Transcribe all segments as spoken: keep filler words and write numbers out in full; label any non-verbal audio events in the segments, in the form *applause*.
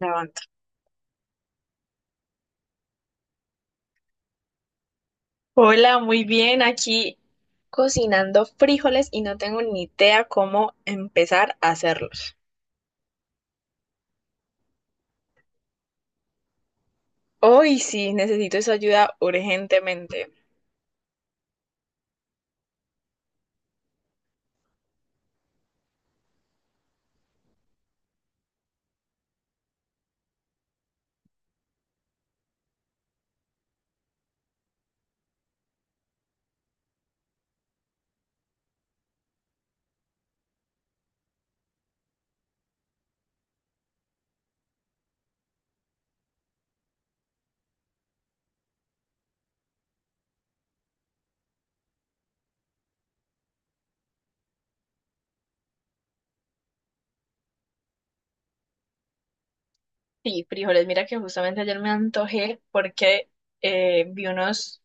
La. Hola, muy bien. Aquí cocinando frijoles y no tengo ni idea cómo empezar a hacerlos. Hoy sí, necesito esa ayuda urgentemente. Sí, frijoles. Mira que justamente ayer me antojé porque eh, vi unos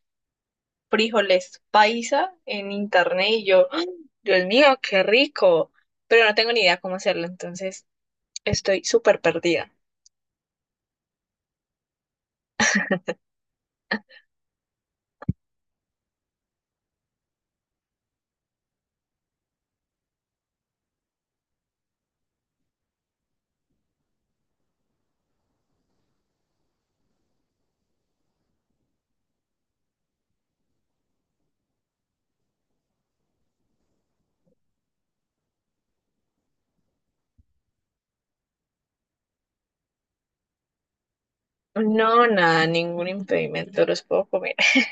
frijoles paisa en internet y yo, ¡Ah! Dios mío, qué rico. Pero no tengo ni idea cómo hacerlo, entonces estoy súper perdida. No, nada, ningún impedimento, los puedo comer. *laughs*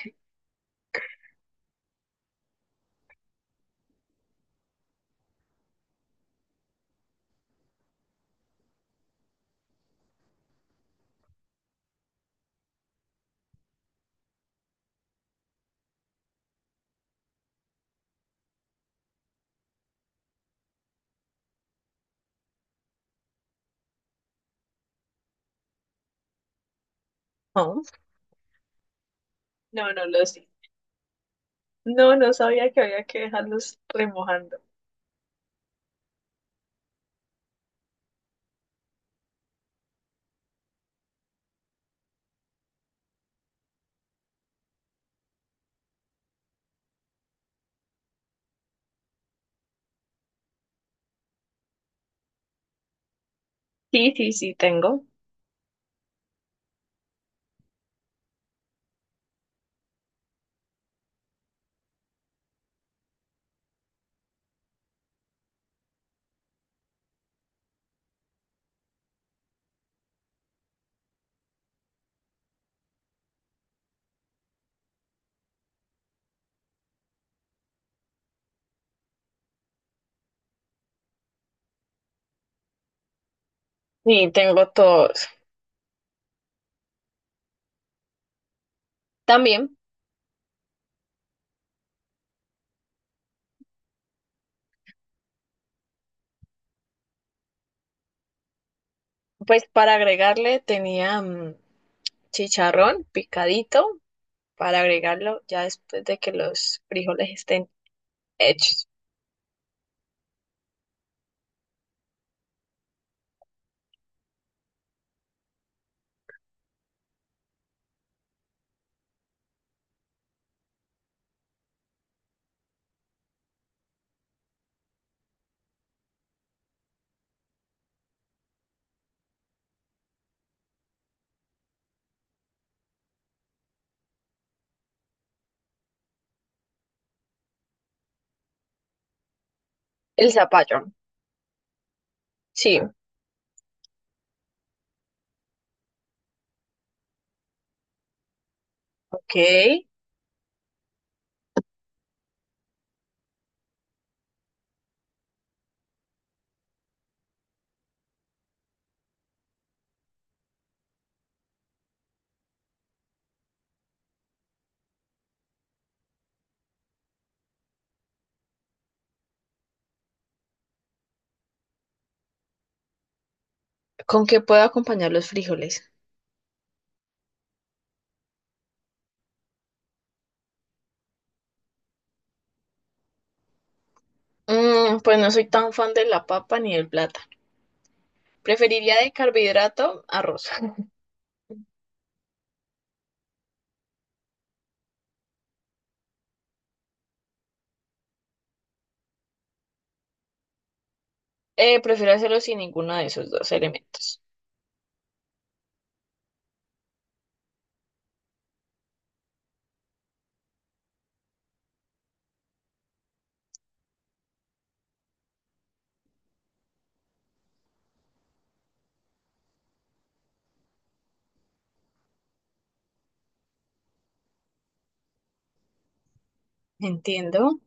No, no, no los no, no sabía que había que dejarlos remojando. Sí, sí, sí, tengo. Sí, tengo todos. También, pues para agregarle tenía mm, chicharrón picadito para agregarlo ya después de que los frijoles estén hechos. El zapallo. Sí, ok. ¿Con qué puedo acompañar los frijoles? Mm, pues no soy tan fan de la papa ni del plátano. Preferiría de carbohidrato arroz. *laughs* Eh, prefiero hacerlo sin ninguno de esos dos elementos. Entiendo.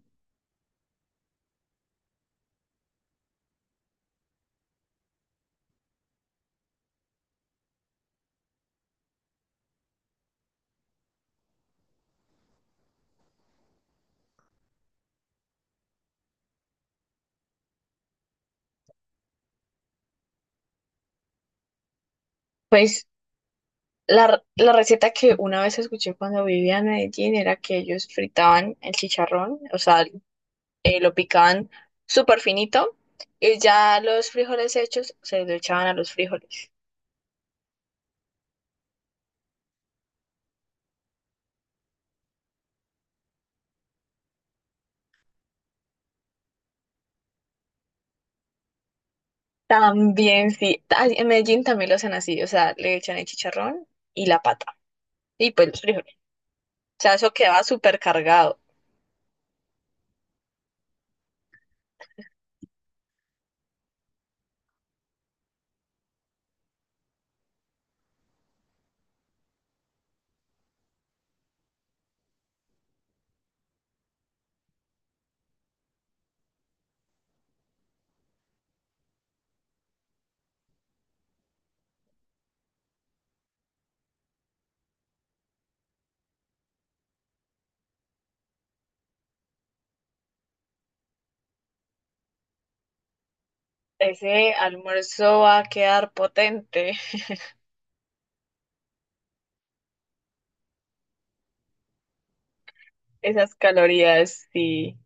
Pues La, la receta que una vez escuché cuando vivía en Medellín era que ellos fritaban el chicharrón, o sea, eh, lo picaban súper finito y ya los frijoles hechos se lo echaban a los frijoles. También sí, ta- en Medellín también lo hacen así, o sea, le echan el chicharrón y la pata y pues los frijoles. O sea, eso queda súper cargado. Ese almuerzo va a quedar potente, esas calorías sí,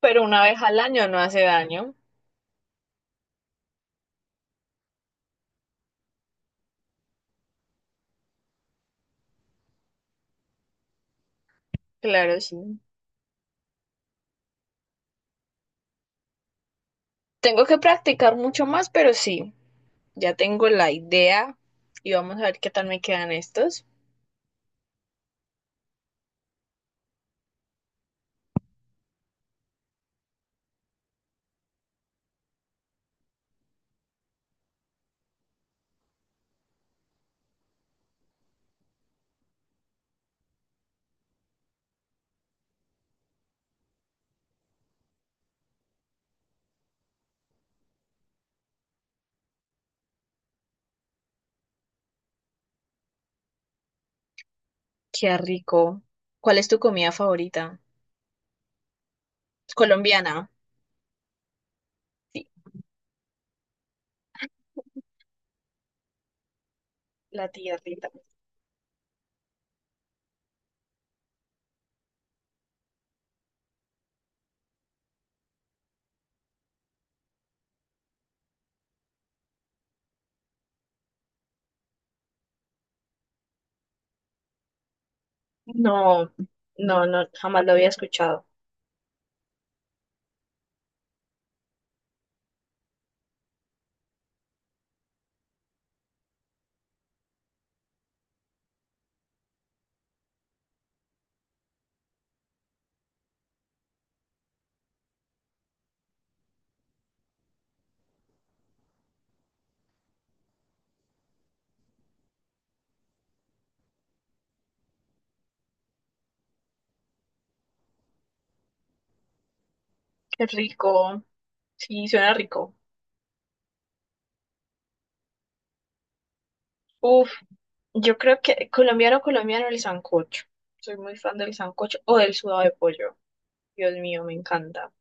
pero una vez al año no hace daño, claro sí. Tengo que practicar mucho más, pero sí, ya tengo la idea y vamos a ver qué tal me quedan estos. Qué rico. ¿Cuál es tu comida favorita? Colombiana. Sí, la tía Rita. No, no, no, jamás lo había escuchado. Qué rico. Sí, suena rico. Uf, yo creo que colombiano, colombiano, el sancocho. Soy muy fan del sancocho o del sudado de pollo. Dios mío, me encanta.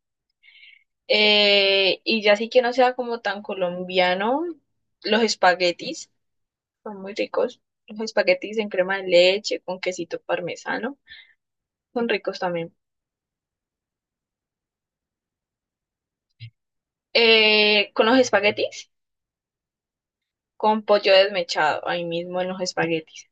Eh, y ya sí que no sea como tan colombiano, los espaguetis son muy ricos. Los espaguetis en crema de leche, con quesito parmesano, son ricos también. Eh, con los espaguetis, con pollo desmechado, ahí mismo en los espaguetis.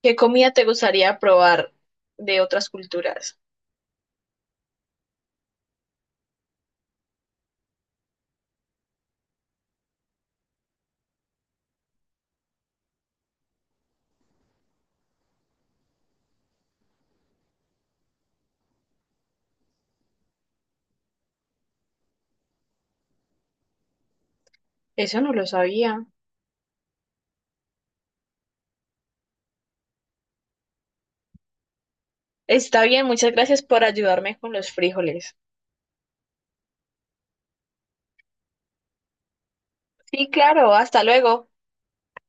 ¿Qué comida te gustaría probar de otras culturas? Eso no lo sabía. Está bien, muchas gracias por ayudarme con los frijoles. Sí, claro, hasta luego.